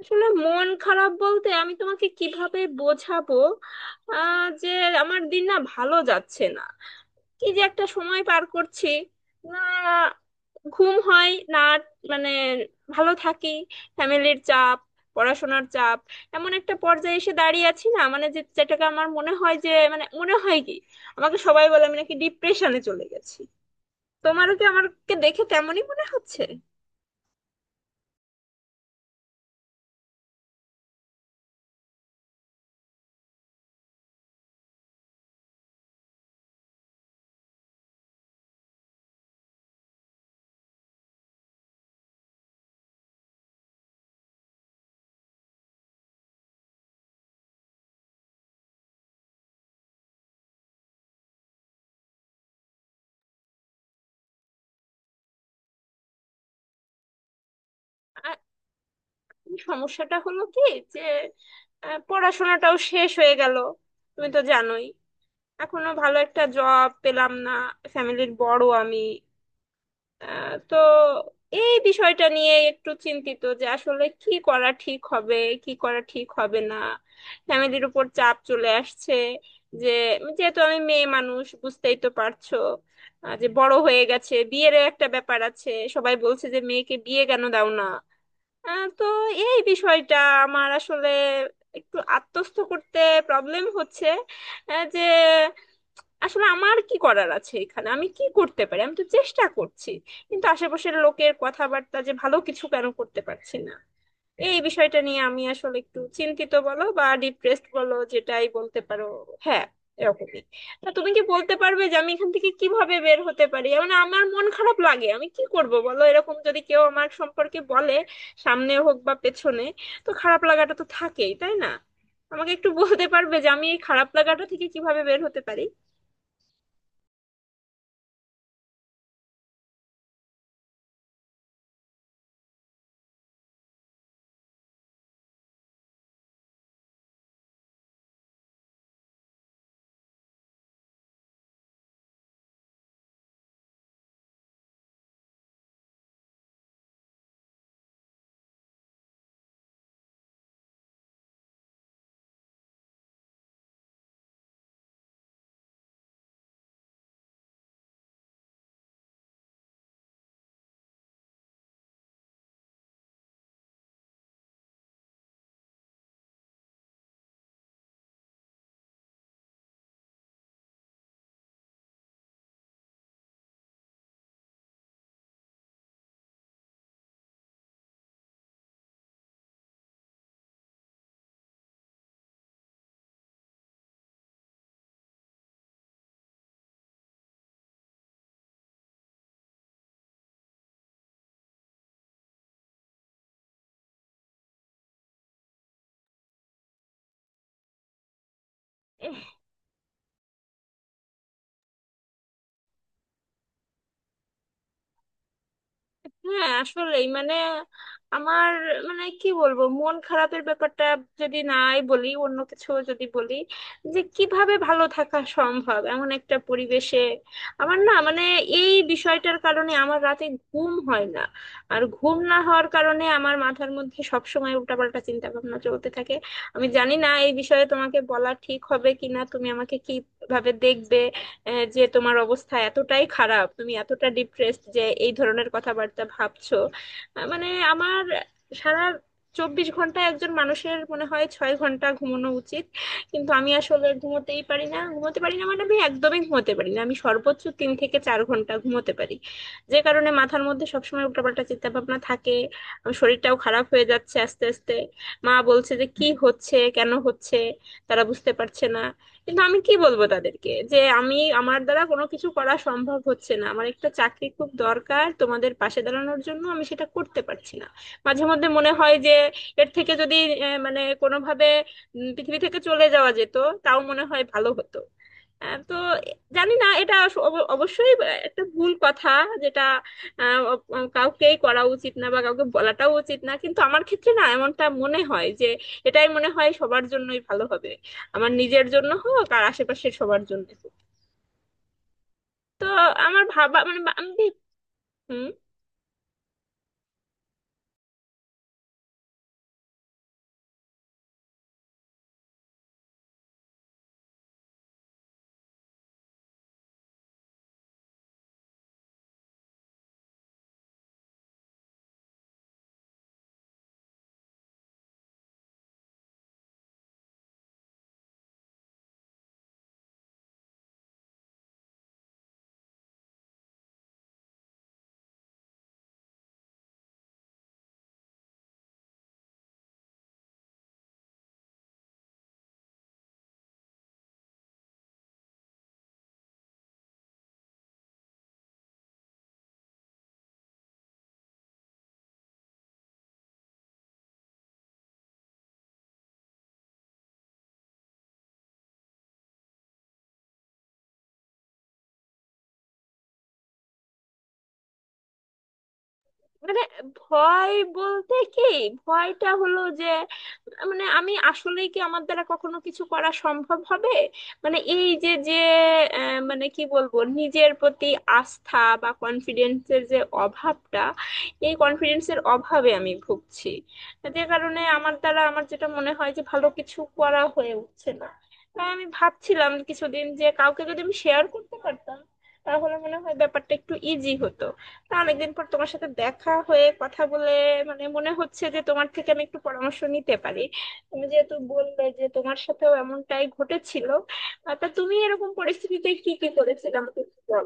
আসলে মন খারাপ বলতে আমি তোমাকে কিভাবে বোঝাবো যে আমার দিন না ভালো যাচ্ছে না। কি যে একটা সময় পার করছি। না, ঘুম হয় না। মানে ভালো থাকি। ফ্যামিলির চাপ, পড়াশোনার চাপ। এমন একটা পর্যায়ে এসে দাঁড়িয়ে আছি না মানে যে যেটাকে আমার মনে হয় যে মানে মনে হয় কি, আমাকে সবাই বলে আমি নাকি ডিপ্রেশনে চলে গেছি। তোমারও কি আমাকে দেখে তেমনই মনে হচ্ছে? সমস্যাটা হলো কি, যে পড়াশোনাটাও শেষ হয়ে গেল। তুমি তো জানোই এখনো ভালো একটা জব পেলাম না। ফ্যামিলির বড় আমি। তো এই বিষয়টা নিয়ে একটু চিন্তিত, যে আসলে কি করা ঠিক হবে কি করা ঠিক হবে না। ফ্যামিলির উপর চাপ চলে আসছে যে যেহেতু আমি মেয়ে মানুষ বুঝতেই তো পারছো, যে বড় হয়ে গেছে, বিয়ের একটা ব্যাপার আছে। সবাই বলছে যে মেয়েকে বিয়ে কেন দাও না। তো এই বিষয়টা আমার আসলে একটু আত্মস্থ করতে প্রবলেম হচ্ছে। যে আসলে আমার কি করার আছে এখানে, আমি কি করতে পারি, আমি তো চেষ্টা করছি। কিন্তু আশেপাশের লোকের কথাবার্তা, যে ভালো কিছু কেন করতে পারছি না। এই বিষয়টা নিয়ে আমি আসলে একটু চিন্তিত বলো বা ডিপ্রেসড বলো, যেটাই বলতে পারো। হ্যাঁ, এরকমই। তা তুমি কি বলতে পারবে যে আমি এখান থেকে কিভাবে বের হতে পারি? মানে আমার মন খারাপ লাগে, আমি কি করব বলো, এরকম যদি কেউ আমার সম্পর্কে বলে সামনে হোক বা পেছনে, তো খারাপ লাগাটা তো থাকেই তাই না? আমাকে একটু বলতে পারবে যে আমি এই খারাপ লাগাটা থেকে কিভাবে বের হতে পারি? হ্যাঁ আসলেই মানে আমার, মানে কি বলবো মন খারাপের ব্যাপারটা যদি নাই বলি, অন্য কিছু যদি বলি যে কিভাবে ভালো থাকা সম্ভব এমন একটা পরিবেশে। আমার না মানে এই বিষয়টার কারণে আমার রাতে ঘুম হয় না। আর ঘুম না হওয়ার কারণে আমার মাথার মধ্যে সবসময় উল্টাপাল্টা চিন্তা ভাবনা চলতে থাকে। আমি জানি না এই বিষয়ে তোমাকে বলা ঠিক হবে কিনা, তুমি আমাকে কিভাবে দেখবে যে তোমার অবস্থা এতটাই খারাপ তুমি এতটা ডিপ্রেসড যে এই ধরনের কথাবার্তা ভাবছো। মানে আমার সারা 24 ঘন্টা একজন মানুষের মনে হয় 6 ঘন্টা ঘুমানো উচিত। কিন্তু আমি আসলে ঘুমোতেই পারি না, ঘুমোতে পারি না মানে আমি একদমই ঘুমোতে পারি না, আমি সর্বোচ্চ 3 থেকে 4 ঘন্টা ঘুমোতে পারি। যে কারণে মাথার মধ্যে সবসময় উল্টাপাল্টা চিন্তা ভাবনা থাকে। আমার শরীরটাও খারাপ হয়ে যাচ্ছে আস্তে আস্তে। মা বলছে যে কি হচ্ছে কেন হচ্ছে, তারা বুঝতে পারছে না। কিন্তু আমি কি বলবো তাদেরকে যে আমি আমার দ্বারা কোনো কিছু করা সম্ভব হচ্ছে না, আমার একটা চাকরি খুব দরকার তোমাদের পাশে দাঁড়ানোর জন্য, আমি সেটা করতে পারছি না। মাঝে মধ্যে মনে হয় যে এর থেকে যদি মানে কোনোভাবে পৃথিবী থেকে চলে যাওয়া যেত তাও মনে হয় ভালো হতো। তো জানি না এটা অবশ্যই একটা ভুল কথা। যেটা কাউকেই করা উচিত না বা কাউকে বলাটাও উচিত না, কিন্তু আমার ক্ষেত্রে না এমনটা মনে হয় যে এটাই মনে হয় সবার জন্যই ভালো হবে। আমার নিজের জন্য হোক আর আশেপাশের সবার জন্য হোক। তো আমার ভাবা মানে আমি হুম। মানে ভয় বলতে কি, ভয়টা হলো যে মানে আমি আসলেই কি আমার দ্বারা কখনো কিছু করা সম্ভব হবে। মানে এই যে যে মানে কি বলবো নিজের প্রতি আস্থা বা কনফিডেন্সের যে অভাবটা, এই কনফিডেন্সের অভাবে আমি ভুগছি, যে কারণে আমার দ্বারা আমার যেটা মনে হয় যে ভালো কিছু করা হয়ে উঠছে না। তাই আমি ভাবছিলাম কিছুদিন যে কাউকে যদি আমি শেয়ার করতে পারতাম তাহলে মনে হয় ব্যাপারটা একটু ইজি হতো। তা অনেকদিন পর তোমার সাথে দেখা হয়ে কথা বলে মানে মনে হচ্ছে যে তোমার থেকে আমি একটু পরামর্শ নিতে পারি। তুমি যেহেতু বললে যে তোমার সাথেও এমনটাই ঘটেছিল, তা তুমি এরকম পরিস্থিতিতে কি কি করেছিলে আমাকে একটু বলো।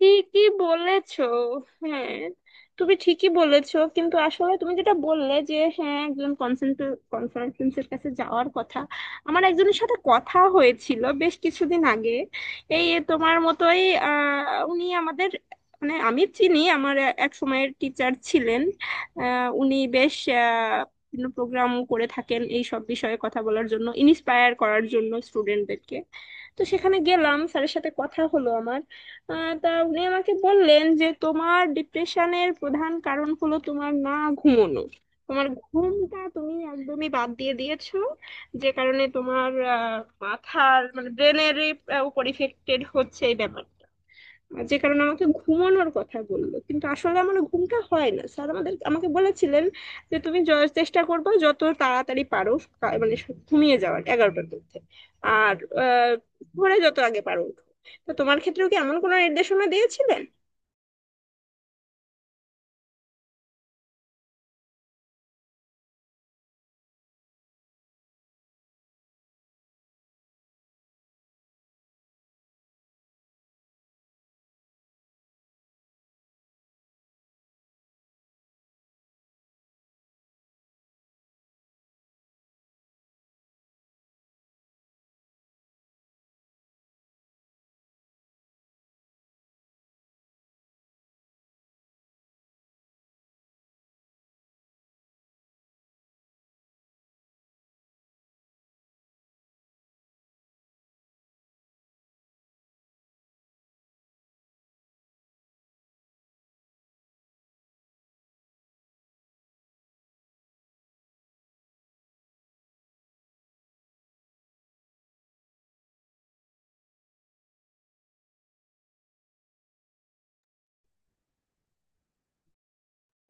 ঠিকই বলেছো। হ্যাঁ, তুমি ঠিকই বলেছো কিন্তু আসলে তুমি যেটা বললে যে হ্যাঁ, একজন কনসালটেন্সের কাছে যাওয়ার কথা। আমার একজনের সাথে কথা হয়েছিল বেশ কিছুদিন আগে এই তোমার মতোই। উনি আমাদের, মানে আমি চিনি, আমার এক সময়ের টিচার ছিলেন। উনি বেশ প্রোগ্রাম করে থাকেন এই সব বিষয়ে কথা বলার জন্য, ইন্সপায়ার করার জন্য স্টুডেন্টদেরকে। তো সেখানে গেলাম, স্যারের সাথে কথা হলো আমার। তা উনি আমাকে বললেন যে তোমার ডিপ্রেশনের প্রধান কারণ হলো তোমার না ঘুমোনো। তোমার ঘুমটা তুমি একদমই বাদ দিয়ে দিয়েছো, যে কারণে তোমার মাথার মানে ব্রেনের উপর ইফেক্টেড হচ্ছে এই ব্যাপার। যে কারণে আমাকে ঘুমানোর কথা বললো, কিন্তু আসলে আমার ঘুমটা হয় না। স্যার আমাদের আমাকে বলেছিলেন যে তুমি চেষ্টা করবে যত তাড়াতাড়ি পারো মানে ঘুমিয়ে যাওয়ার 11টার মধ্যে। আর আহ, ভোরে যত আগে পারো উঠো। তো তোমার ক্ষেত্রেও কি এমন কোনো নির্দেশনা দিয়েছিলেন?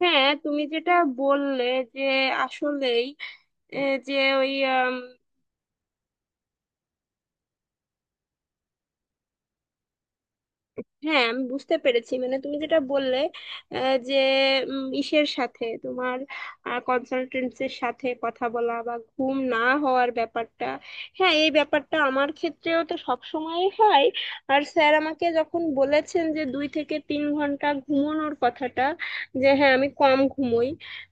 হ্যাঁ, তুমি যেটা বললে যে আসলেই এ, যে ওই, হ্যাঁ আমি বুঝতে পেরেছি মানে তুমি যেটা বললে যে ইসের সাথে তোমার কনসালটেন্সের সাথে কথা বলা বা ঘুম না হওয়ার ব্যাপারটা। হ্যাঁ এই ব্যাপারটা আমার ক্ষেত্রেও তো সব সময় হয়। আর স্যার আমাকে যখন বলেছেন যে 2 থেকে 3 ঘন্টা ঘুমানোর কথাটা, যে হ্যাঁ আমি কম ঘুমোই।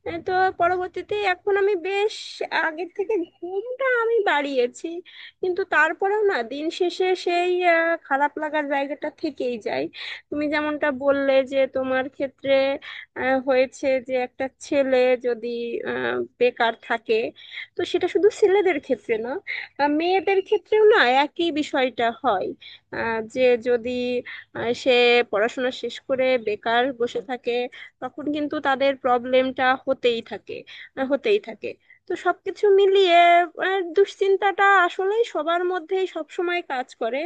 তো পরবর্তীতে এখন আমি বেশ আগের থেকে ঘুমটা আমি বাড়িয়েছি। কিন্তু তারপরেও না দিন শেষে সেই খারাপ লাগার জায়গাটা থেকেই যায়। তুমি যেমনটা বললে যে তোমার ক্ষেত্রে হয়েছে যে একটা ছেলে যদি বেকার থাকে, তো সেটা শুধু ছেলেদের ক্ষেত্রে না, মেয়েদের ক্ষেত্রেও না, একই বিষয়টা হয়। যে যদি সে পড়াশোনা শেষ করে বেকার বসে থাকে তখন কিন্তু তাদের প্রবলেমটা হতেই থাকে, হতেই থাকে। তো সবকিছু মিলিয়ে দুশ্চিন্তাটা আসলেই সবার মধ্যেই সব সময় কাজ করে,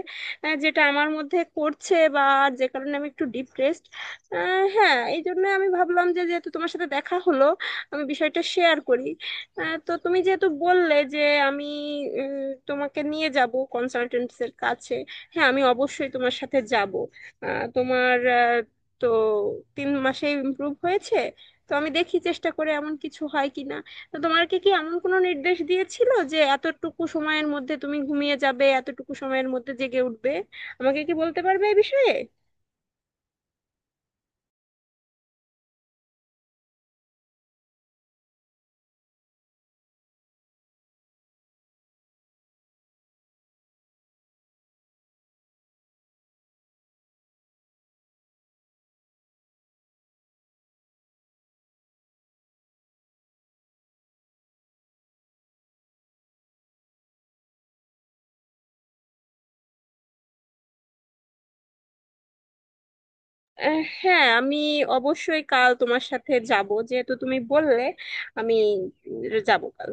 যেটা আমার মধ্যে করছে, বা যে কারণে আমি একটু ডিপ্রেসড। হ্যাঁ, এই জন্য আমি ভাবলাম যে যেহেতু তোমার সাথে দেখা হলো আমি বিষয়টা শেয়ার করি। তো তুমি যেহেতু বললে যে আমি তোমাকে নিয়ে যাব কনসালটেন্টস এর কাছে, হ্যাঁ আমি অবশ্যই তোমার সাথে যাব। আহ, তোমার আহ, তো 3 মাসে ইমপ্রুভ হয়েছে, তো আমি দেখি চেষ্টা করে এমন কিছু হয় কিনা। তো তোমাকে কি এমন কোনো নির্দেশ দিয়েছিল যে এতটুকু সময়ের মধ্যে তুমি ঘুমিয়ে যাবে, এতটুকু সময়ের মধ্যে জেগে উঠবে? আমাকে কি বলতে পারবে এই বিষয়ে? হ্যাঁ আমি অবশ্যই কাল তোমার সাথে যাব যেহেতু তুমি বললে, আমি যাব কাল।